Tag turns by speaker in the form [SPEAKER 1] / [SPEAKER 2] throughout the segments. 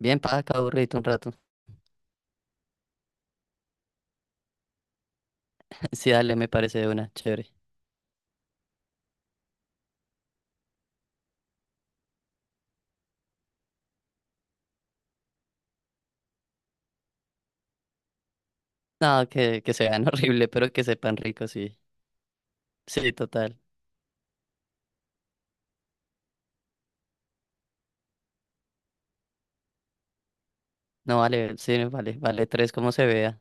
[SPEAKER 1] Bien, para acá aburrido un rato. Sí, dale, me parece de una, chévere. No, que se vean horrible, pero que sepan rico, sí. Sí, total. No vale, sí, vale, vale tres como se vea.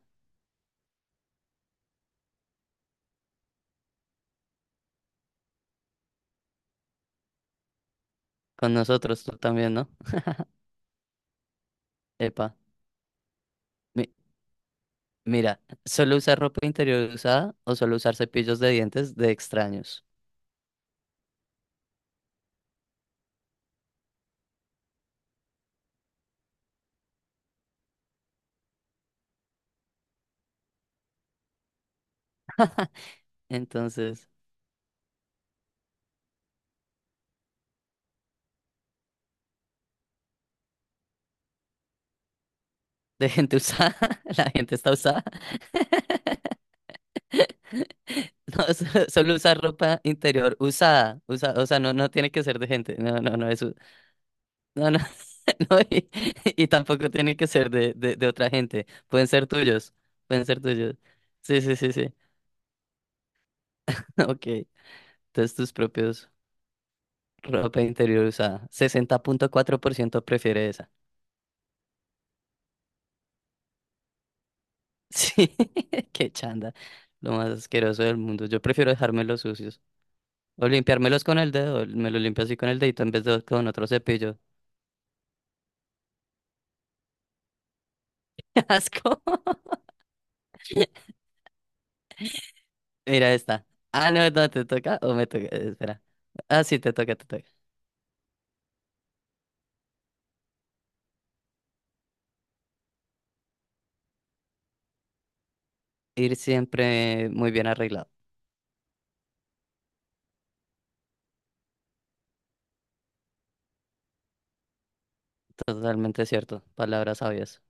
[SPEAKER 1] Con nosotros, tú también, ¿no? Epa. Mi- Mira, solo usar ropa interior usada o solo usar cepillos de dientes de extraños. Entonces, de gente usada, la gente está usada. No, solo usar ropa interior usada. Usa, o sea, no, no tiene que ser de gente. No, no, no es. No, no, no, y tampoco tienen que ser de otra gente. Pueden ser tuyos. Pueden ser tuyos. Sí, sí, sí, sí. Ok. Entonces tus propios ropa interior usada. 60.4% prefiere esa. Sí, qué chanda. Lo más asqueroso del mundo. Yo prefiero dejarme los sucios. O limpiármelos con el dedo. Me lo limpio así con el dedito en vez de con otro cepillo. Asco. Mira esta. Ah, no, no, te toca o me toca. Espera. Ah, sí, te toca, te toca. Ir siempre muy bien arreglado. Totalmente cierto, palabras sabias.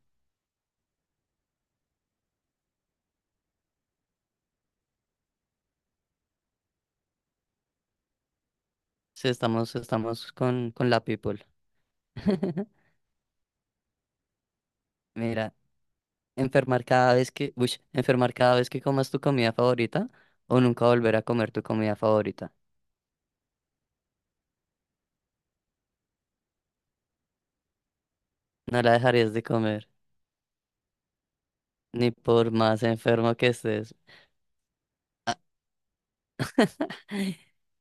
[SPEAKER 1] Sí, estamos, estamos con la people. Mira, enfermar cada vez que, uy, enfermar cada vez que comas tu comida favorita o nunca volver a comer tu comida favorita. No la dejarías de comer, ni por más enfermo que estés,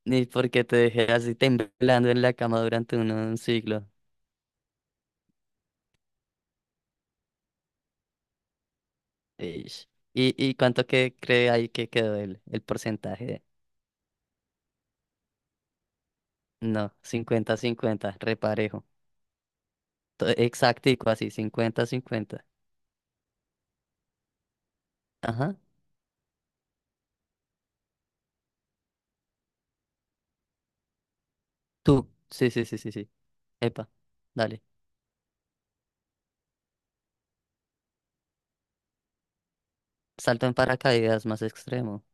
[SPEAKER 1] ni porque te dejé así temblando en la cama durante un siglo. Ish. Y cuánto que cree ahí que quedó el porcentaje? No, cincuenta cincuenta reparejo. Exactico, así, cincuenta cincuenta. Ajá. Tú. Sí, sí, sí, sí, sí. Epa. Dale. Salto en paracaídas más extremo.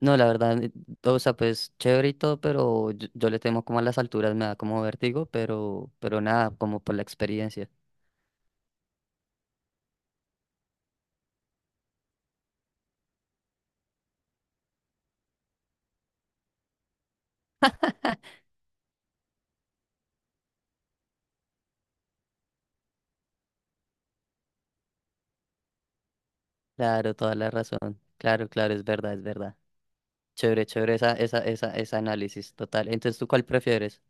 [SPEAKER 1] No, la verdad, o sea, pues chévere y todo, pero yo le temo como a las alturas, me da como vértigo, pero nada, como por la experiencia. Claro, toda la razón. Claro, claro, es verdad, es verdad. Chévere, chévere esa, esa, esa, ese análisis, total. Entonces, ¿tú cuál prefieres?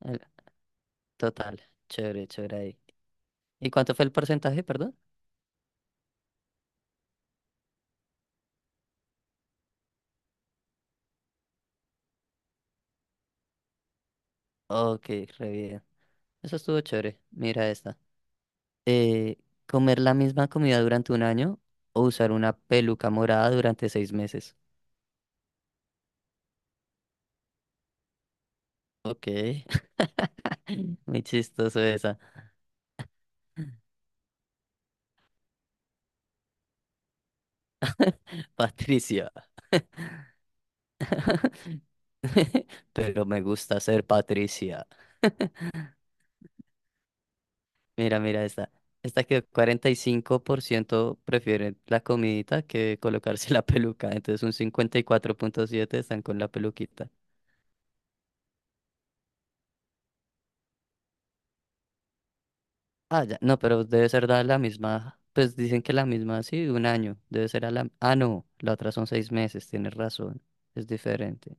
[SPEAKER 1] El- Total, chévere, chévere ahí. ¿Y cuánto fue el porcentaje, perdón? Ok, re bien. Eso estuvo chévere. Mira esta. eh, comer la misma comida durante un año o usar una peluca morada durante seis meses. Ok, muy chistoso esa. Patricia. Pero me gusta ser Patricia. Mira, mira esta. Esta que 45% prefieren la comidita que colocarse la peluca. Entonces un 54.7 están con la peluquita. Ah, ya. No, pero debe ser dada la misma. Pues dicen que la misma, sí, un año. Debe ser a la. Ah, no, la otra son seis meses, tienes razón. Es diferente.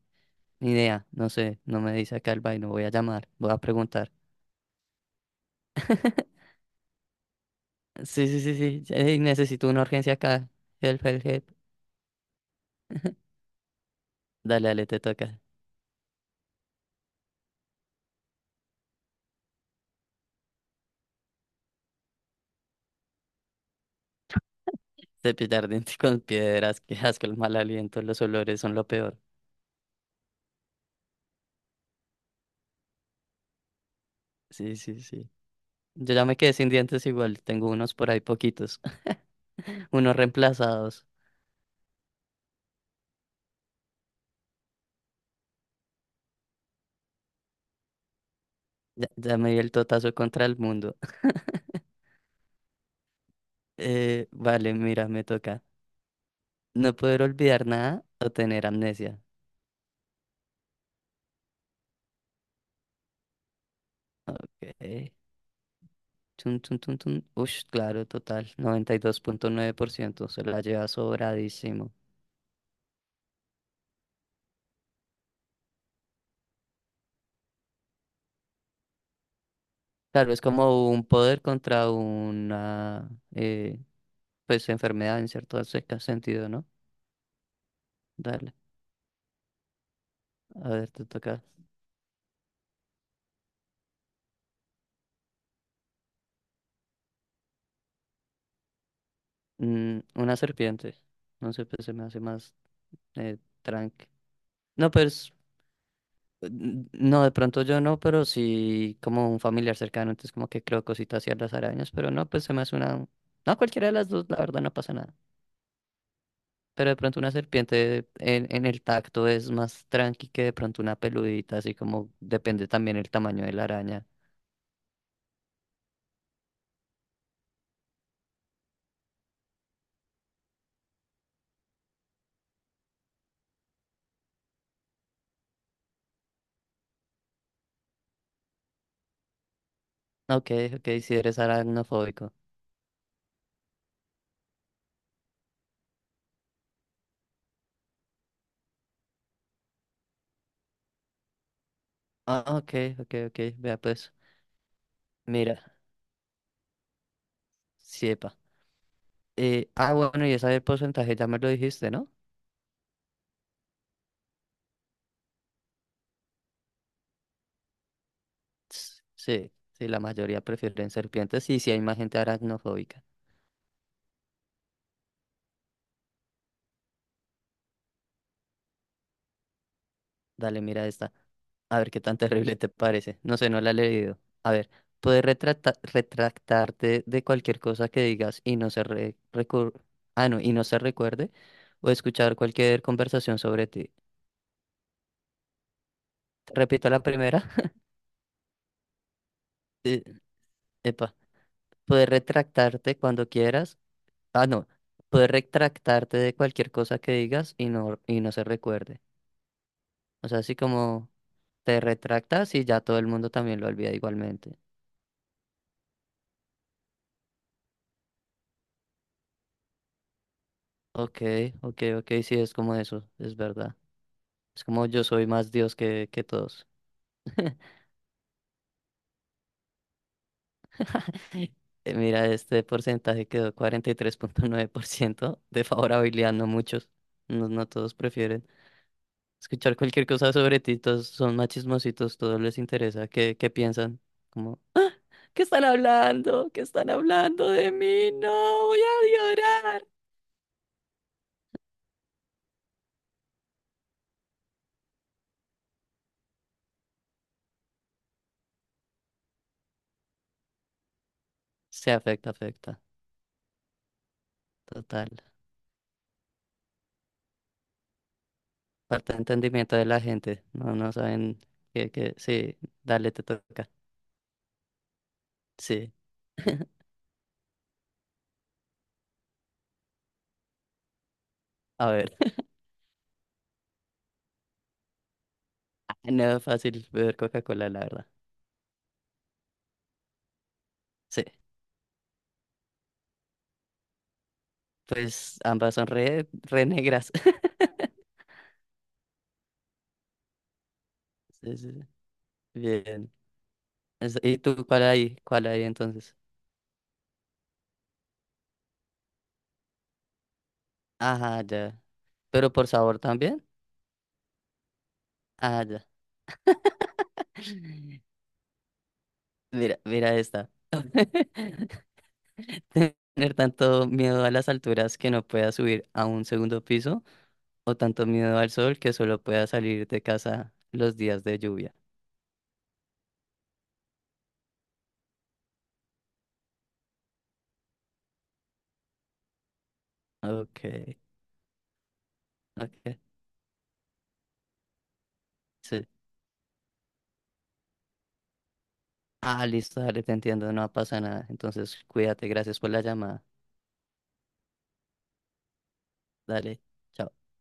[SPEAKER 1] Ni idea, no sé, no me dice acá el vaino. Voy a llamar, voy a preguntar. Sí, sí, sí, sí. Ey, necesito una urgencia acá. Help, help, help. Dale, dale, te toca. Cepillar dientes con piedras, que asco, el mal aliento, los olores son lo peor. Sí, sí, sí. Yo ya me quedé sin dientes igual, tengo unos por ahí poquitos, unos reemplazados. Ya, ya me di el totazo contra el mundo. Vale, mira, me toca. No poder olvidar nada o tener amnesia. Ok. Chun, chun, chun, chun. Ush, claro, total. 92.9%. Se la lleva sobradísimo. Claro, es como un poder contra una eh, pues enfermedad en cierto sentido, ¿no? Dale. A ver, te toca. Mm, una serpiente. No sé, pues se me hace más tranqui. No, pues no, de pronto yo no, pero sí como un familiar cercano, entonces como que creo cositas así a las arañas, pero no, pues se me hace una... No, cualquiera de las dos, la verdad no pasa nada. Pero de pronto una serpiente en el tacto es más tranqui que de pronto una peludita, así como depende también el tamaño de la araña. Ok, ok, si eres aracnofóbico. Ah, ok, ok, ok, vea pues. Mira, siepa. Bueno, y esa del porcentaje ya me lo dijiste, ¿no? Sí, sí, la mayoría prefieren serpientes y sí hay más gente aracnofóbica. Dale, mira esta. A ver qué tan terrible te parece. No sé, no la he leído. A ver, puedes retractarte de cualquier cosa que digas y no se recuerde, o escuchar cualquier conversación sobre ti. Repito la primera. Eh, Epa, puedes retractarte cuando quieras. Ah, no, puedes retractarte de cualquier cosa que digas y no se recuerde. O sea, así como te retractas y ya todo el mundo también lo olvida igualmente. Ok, ok, ok, sí, es como eso, es verdad. Es como yo soy más Dios que todos. Mira, este porcentaje quedó 43.9% de favorabilidad, no muchos. No, no todos prefieren escuchar cualquier cosa sobre ti, todos son más chismositos, todos les interesa qué, qué piensan. Como, ¿qué están hablando? ¿Qué están hablando de mí? No, voy a llorar. Se afecta, afecta. Total. Falta de entendimiento de la gente. No, no saben que sí, dale, te toca. Sí, a ver. No es fácil beber Coca-Cola, la verdad. Sí, pues ambas son re, re negras. Sí, sí, sí. Bien. ¿Y tú cuál hay? ¿Cuál hay entonces? Ajá, ya. ¿Pero por sabor también? Ah, ya. Mira, mira esta. Tener tanto miedo a las alturas que no pueda subir a un segundo piso o tanto miedo al sol que solo pueda salir de casa los días de lluvia. Ok, ok. Sí. Ah, listo, dale, te entiendo, no pasa nada. Entonces, cuídate, gracias por la llamada. Dale. Chao.